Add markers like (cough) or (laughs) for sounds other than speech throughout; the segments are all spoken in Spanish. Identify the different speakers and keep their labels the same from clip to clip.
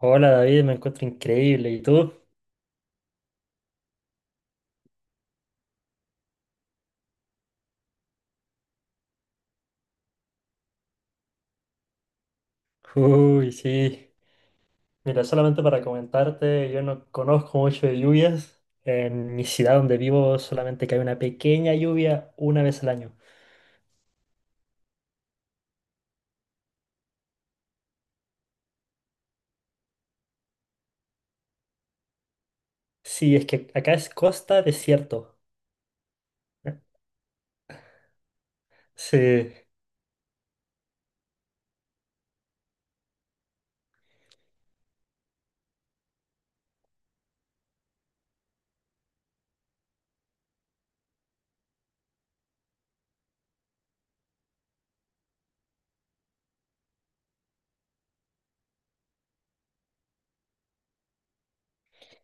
Speaker 1: Hola David, me encuentro increíble. ¿Y tú? Uy, sí. Mira, solamente para comentarte, yo no conozco mucho de lluvias. En mi ciudad donde vivo solamente cae una pequeña lluvia una vez al año. Sí, es que acá es costa desierto. Sí,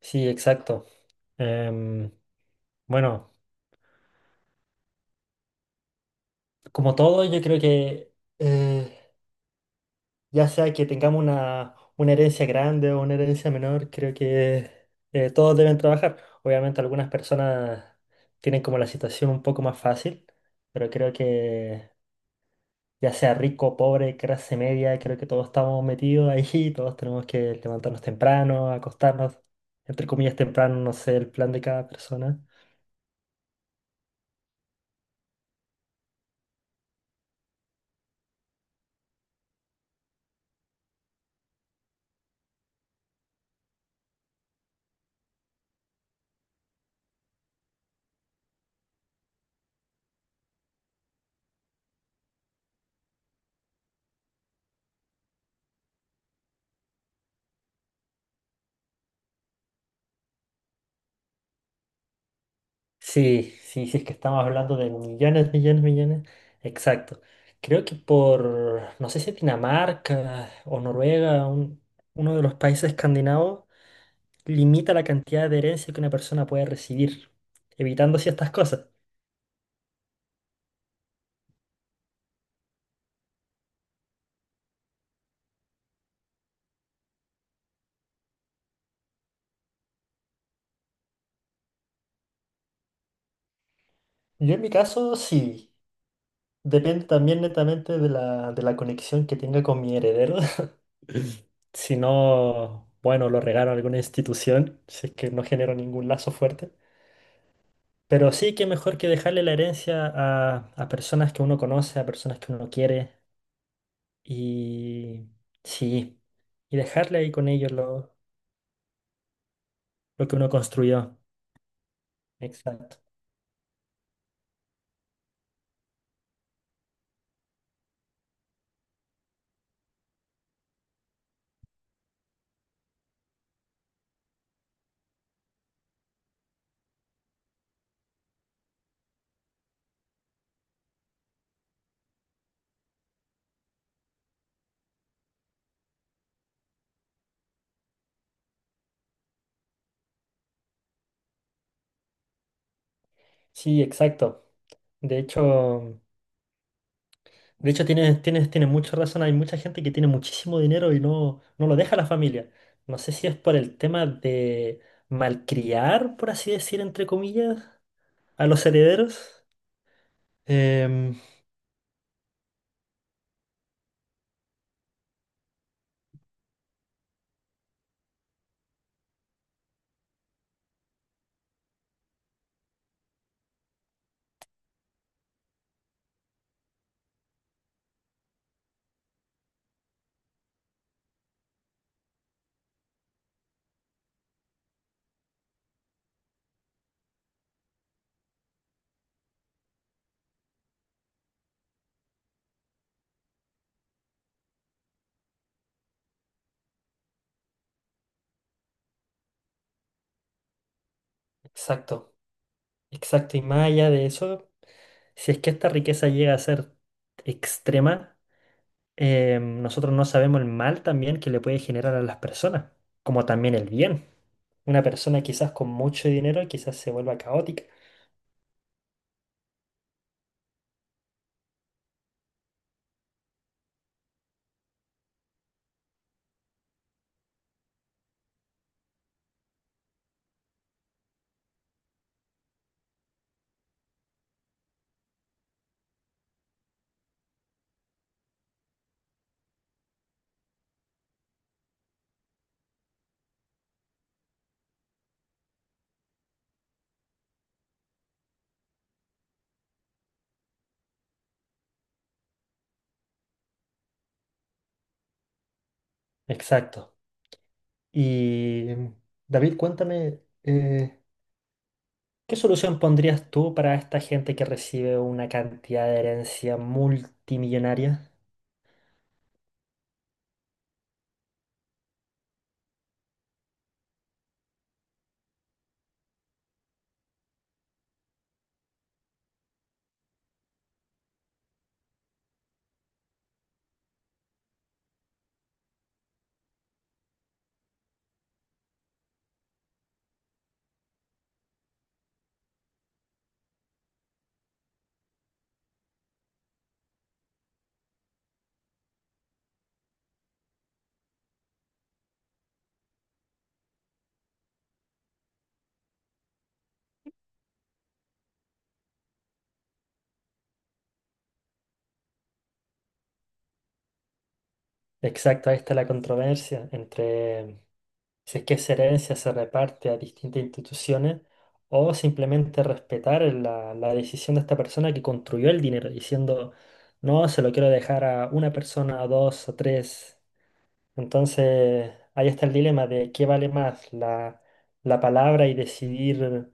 Speaker 1: sí, exacto. Em, bueno, como todo, yo creo que eh, ya sea que tengamos una herencia grande o una herencia menor, creo que todos deben trabajar. Obviamente algunas personas tienen como la situación un poco más fácil, pero creo que ya sea rico, pobre, clase media, creo que todos estamos metidos ahí, (laughs) todos tenemos que levantarnos temprano, acostarnos, entre comillas temprano, no sé el plan de cada persona. Sí, sí, sí, es que estamos hablando de millones, millones, millones. Exacto. Creo que por, no sé si Dinamarca o Noruega, uno de los países escandinavos, limita la cantidad de herencia que una persona puede recibir, evitando ciertas cosas. Yo en mi caso, sí. Depende también netamente de de la conexión que tenga con mi heredero. (laughs) Si no, bueno, lo regalo a alguna institución, si es que no genero ningún lazo fuerte. Pero sí que mejor que dejarle la herencia a personas que uno conoce, a personas que uno quiere. Y sí, y dejarle ahí con ellos lo que uno construyó. Exacto. Sí, exacto. De hecho, de hecho tienes mucha razón. Hay mucha gente que tiene muchísimo dinero y no lo deja a la familia. No sé si es por el tema de malcriar, por así decir, entre comillas, a los herederos. Em, exacto, exacto. Y más allá de eso. Si es que esta riqueza llega a ser extrema, nosotros no sabemos el mal también que le puede generar a las personas, como también el bien. Una persona quizás con mucho dinero quizás se vuelva caótica. Exacto. Y David, cuéntame, ¿qué solución pondrías tú para esta gente que recibe una cantidad de herencia multimillonaria? Exacto, ahí está la controversia entre si es que esa herencia se reparte a distintas instituciones o simplemente respetar la decisión de esta persona que construyó el dinero, diciendo, no, se lo quiero dejar a una persona, a dos, a tres. Entonces, ahí está el dilema de qué vale más la palabra y decidir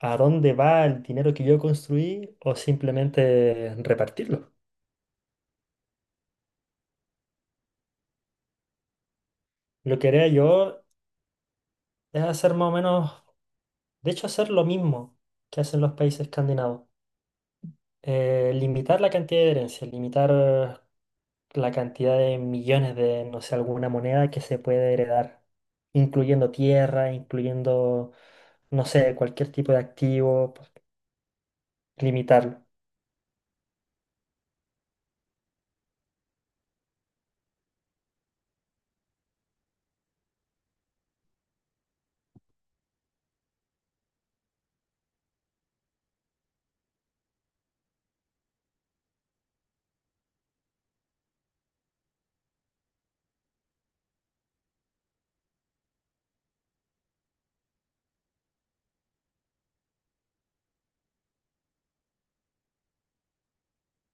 Speaker 1: a dónde va el dinero que yo construí o simplemente repartirlo. Lo que haría yo es hacer más o menos. De hecho, hacer lo mismo que hacen los países escandinavos. Limitar la cantidad de herencia, limitar la cantidad de millones de, no sé, alguna moneda que se puede heredar, incluyendo tierra, incluyendo, no sé, cualquier tipo de activo, pues, limitarlo.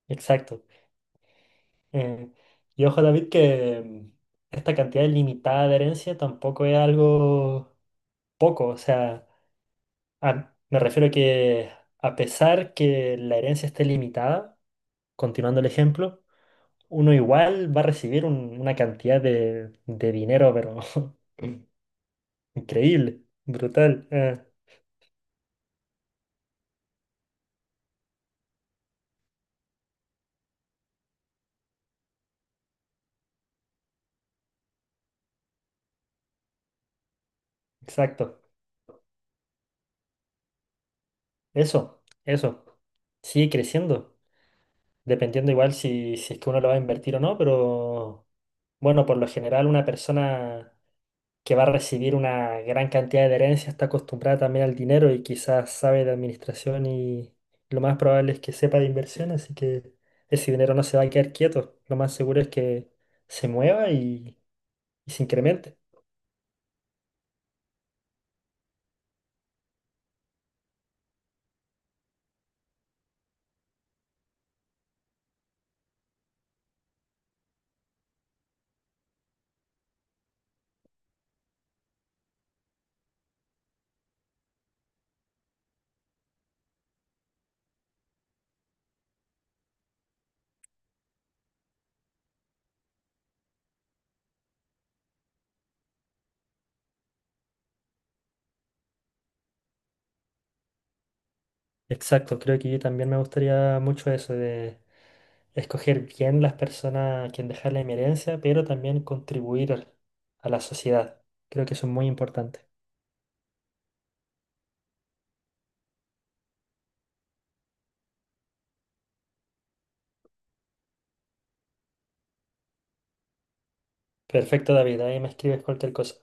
Speaker 1: Exacto. Eh, y ojo, David, que esta cantidad limitada de herencia tampoco es algo poco. O sea, me refiero que a pesar que la herencia esté limitada, continuando el ejemplo, uno igual va a recibir una cantidad de dinero, pero (laughs) increíble, brutal. Exacto. Eso, eso. Sigue creciendo, dependiendo igual si, si es que uno lo va a invertir o no, pero bueno, por lo general una persona... que va a recibir una gran cantidad de herencia, está acostumbrada también al dinero y quizás sabe de administración y lo más probable es que sepa de inversión, así que ese dinero no se va a quedar quieto. Lo más seguro es que se mueva y se incremente. Exacto, creo que yo también me gustaría mucho eso de escoger bien las personas a quien dejar la herencia, pero también contribuir a la sociedad. Creo que eso es muy importante. Perfecto, David, ahí me escribes cualquier cosa.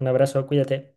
Speaker 1: Un abrazo, cuídate.